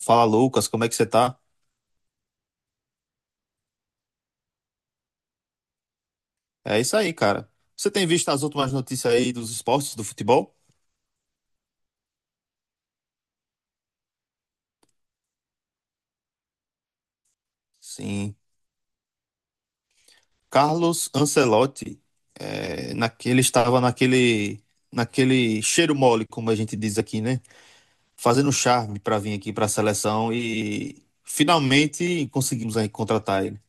Fala, Lucas, como é que você tá? É isso aí, cara. Você tem visto as últimas notícias aí dos esportes, do futebol? Sim. Carlos Ancelotti, ele estava naquele cheiro mole, como a gente diz aqui, né? Fazendo charme para vir aqui para a seleção e finalmente conseguimos aí contratar ele.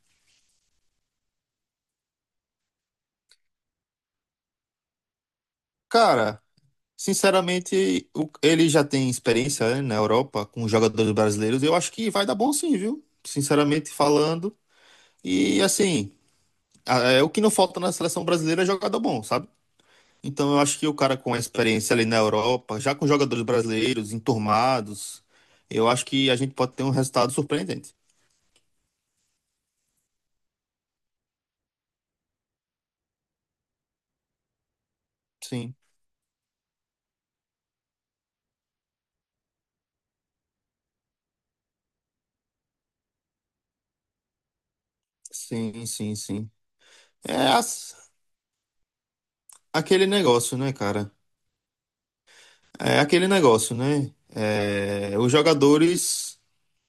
Cara, sinceramente, ele já tem experiência, né, na Europa com jogadores brasileiros. Eu acho que vai dar bom sim, viu? Sinceramente falando. E assim. É, o que não falta na seleção brasileira é jogador bom, sabe? Então eu acho que o cara com a experiência ali na Europa, já com jogadores brasileiros enturmados, eu acho que a gente pode ter um resultado surpreendente. Sim, sim, sim, sim. É as- aquele negócio, né, cara? É aquele negócio, né? É, os jogadores,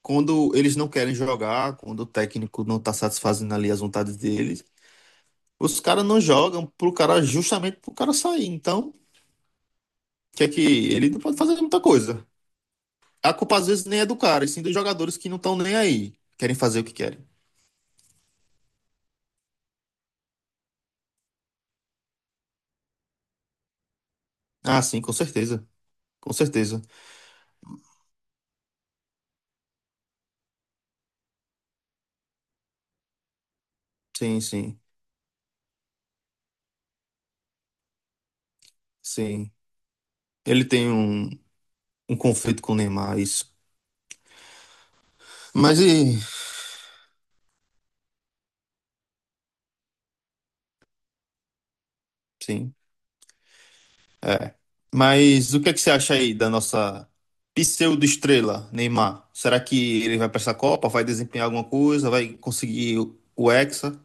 quando eles não querem jogar, quando o técnico não tá satisfazendo ali as vontades deles, os caras não jogam pro cara justamente pro cara sair. Então, que é que ele não pode fazer muita coisa. A culpa às vezes nem é do cara, e sim dos jogadores que não estão nem aí. Querem fazer o que querem. Ah, sim, com certeza. Com certeza. Sim, sim, sim. Ele tem um conflito com o Neymar, isso. Mas e. Sim. Mas o que é que você acha aí da nossa pseudo-estrela, Neymar? Será que ele vai para essa Copa? Vai desempenhar alguma coisa? Vai conseguir o Hexa?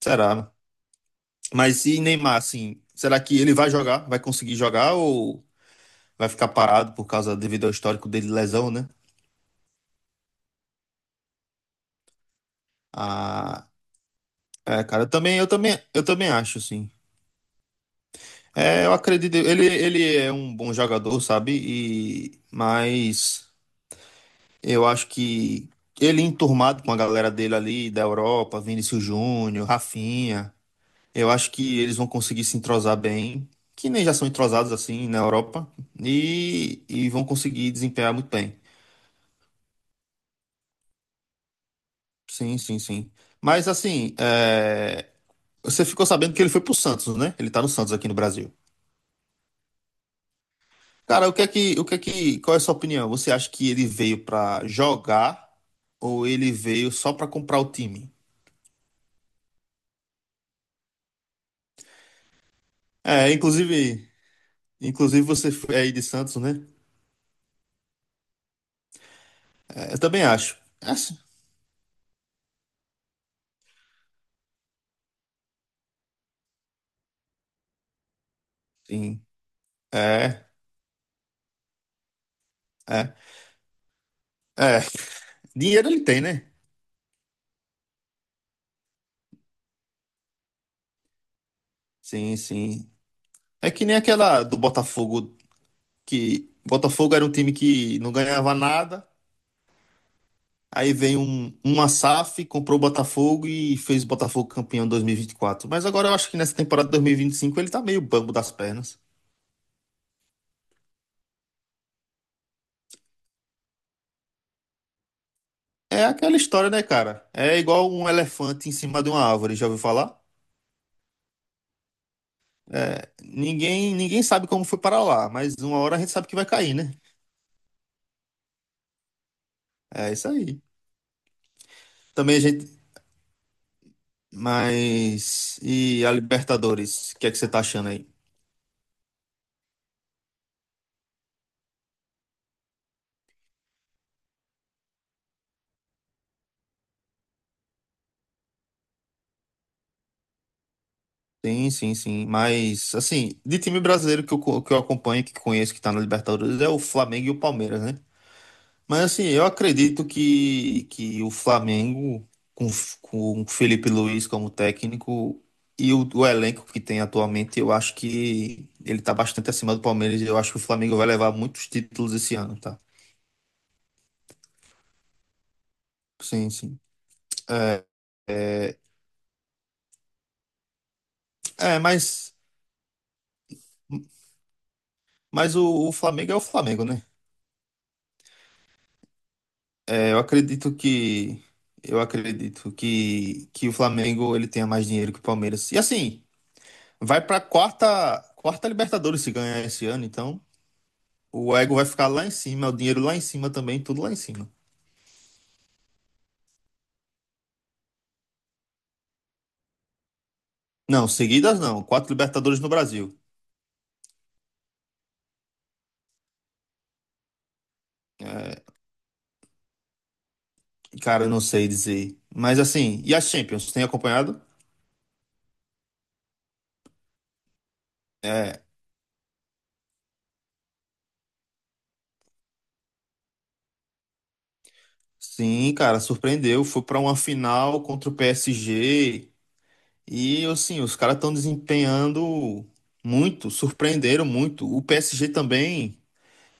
Será? Mas e Neymar, assim, será que ele vai jogar? Vai conseguir jogar ou vai ficar parado por causa devido ao histórico dele de lesão, né? Ah, é, cara, eu também acho, assim. É, eu acredito, ele é um bom jogador, sabe? E, mas eu acho que ele enturmado com a galera dele ali da Europa, Vinícius Júnior, Rafinha, eu acho que eles vão conseguir se entrosar bem, que nem já são entrosados assim na Europa, e vão conseguir desempenhar muito bem. Sim, sim, sim. Mas assim, é, você ficou sabendo que ele foi pro Santos, né? Ele tá no Santos aqui no Brasil. Cara, o que é que, o que é que, qual é a sua opinião? Você acha que ele veio pra jogar ou ele veio só pra comprar o time? É, inclusive, inclusive você foi aí de Santos, né? É, eu também acho. É, sim. É, é, é. Dinheiro ele tem, né? Sim, sim. É que nem aquela do Botafogo que Botafogo era um time que não ganhava nada. Aí vem um Asaf comprou o Botafogo e fez o Botafogo campeão em dois mil e vinte e quatro. Mas agora eu acho que nessa temporada de 2025 ele tá meio bambo das pernas. É aquela história, né, cara? É igual um elefante em cima de uma árvore, já ouviu falar? Ninguém, ninguém sabe como foi parar lá, mas uma hora a gente sabe que vai cair, né? É isso aí. Também a gente. Mas. E a Libertadores? O que é que você tá achando aí? Sim, sim, sim. Mas, assim, de time brasileiro que eu acompanho, que conheço, que tá na Libertadores, é o Flamengo e o Palmeiras, né? Mas assim, eu acredito que o Flamengo, com o Felipe Luiz como técnico e o elenco que tem atualmente, eu acho que ele tá bastante acima do Palmeiras. Eu acho que o Flamengo vai levar muitos títulos esse ano, tá? Sim, sim. É, é, é, mas, mas o Flamengo é o Flamengo, né? É, eu acredito que o Flamengo ele tenha mais dinheiro que o Palmeiras. E assim, vai pra quarta Libertadores se ganhar esse ano, então. O ego vai ficar lá em cima, o dinheiro lá em cima também, tudo lá em cima. Não, seguidas não. Quatro Libertadores no Brasil. É, cara, eu não sei dizer. Mas assim, e a Champions? Tem acompanhado? É, sim, cara, surpreendeu. Foi pra uma final contra o PSG. E assim, os caras estão desempenhando muito, surpreenderam muito. O PSG também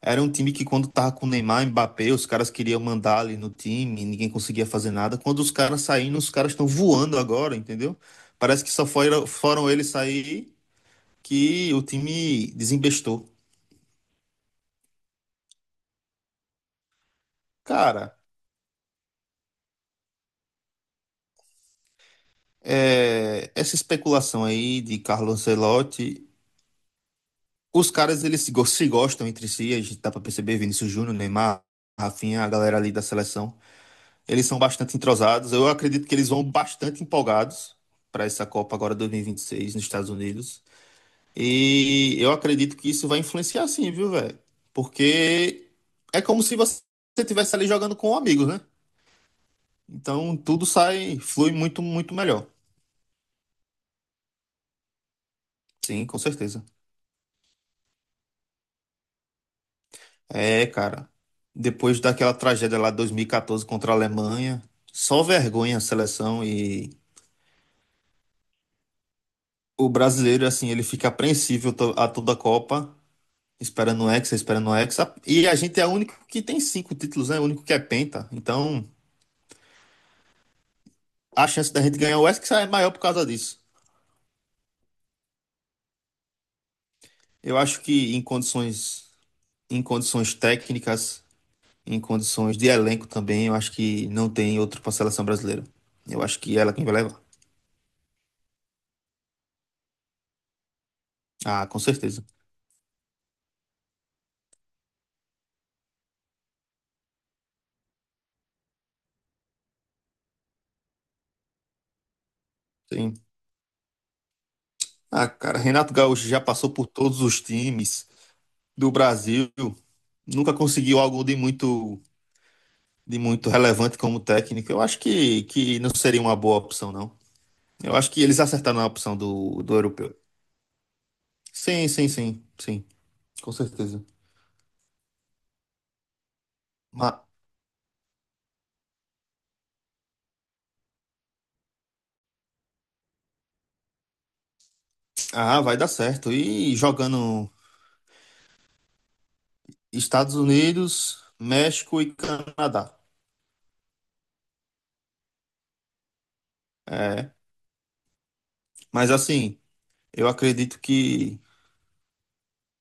era um time que quando tava com Neymar, Mbappé, os caras queriam mandar ali no time, ninguém conseguia fazer nada. Quando os caras saíram, os caras estão voando agora, entendeu? Parece que só foram eles sair que o time desembestou. Cara, é, essa especulação aí de Carlo Ancelotti, os caras eles se, go- se gostam entre si, a gente dá pra perceber, Vinícius Júnior, Neymar, Rafinha, a galera ali da seleção. Eles são bastante entrosados. Eu acredito que eles vão bastante empolgados para essa Copa agora 2026 nos Estados Unidos. E eu acredito que isso vai influenciar sim, viu, velho? Porque é como se você estivesse ali jogando com amigos, né? Então tudo sai, flui muito, muito melhor. Sim, com certeza. É, cara. Depois daquela tragédia lá de 2014 contra a Alemanha, só vergonha a seleção e o brasileiro, assim, ele fica apreensível a toda a Copa, esperando o Hexa, esperando o Hexa. E a gente é o único que tem 5 títulos, né? O único que é penta. Então, a chance da gente ganhar o Hexa é maior por causa disso. Eu acho que em condições técnicas, em condições de elenco também, eu acho que não tem outro para a seleção brasileira. Eu acho que ela é quem vai levar. Ah, com certeza. Sim. Ah, cara, Renato Gaúcho já passou por todos os times do Brasil. Nunca conseguiu algo de muito relevante como técnico. Eu acho que não seria uma boa opção, não. Eu acho que eles acertaram na opção do europeu. Sim, sim, sim, sim, com certeza. Ma- ah, vai dar certo. E jogando Estados Unidos, México e Canadá. É, mas assim, eu acredito que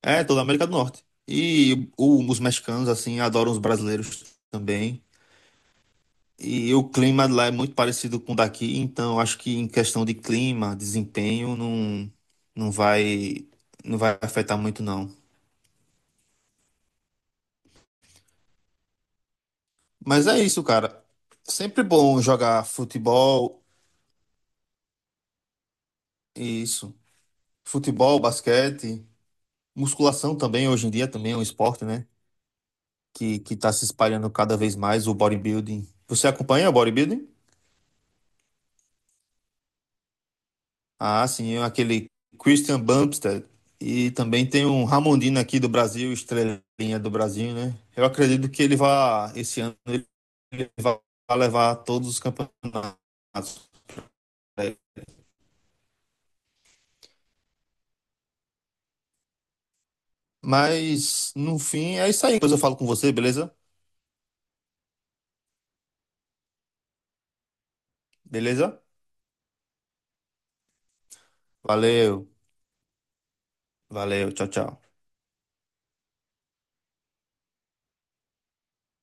é toda a América do Norte. Os mexicanos, assim, adoram os brasileiros também. E o clima lá é muito parecido com o daqui, então acho que em questão de clima, desempenho, não, não vai, não vai afetar muito, não. Mas é isso, cara. Sempre bom jogar futebol, isso. Futebol, basquete, musculação também, hoje em dia também é um esporte, né? Que tá se espalhando cada vez mais, o bodybuilding. Você acompanha o bodybuilding? Ah, sim, é aquele Christian Bumstead. E também tem um Ramondino aqui do Brasil, estrelinha do Brasil, né? Eu acredito que ele vai, esse ano, ele vai levar todos os campeonatos. Né. Mas, no fim, é isso aí. Depois eu falo com você, beleza? Beleza? Valeu. Valeu. Tchau, tchau.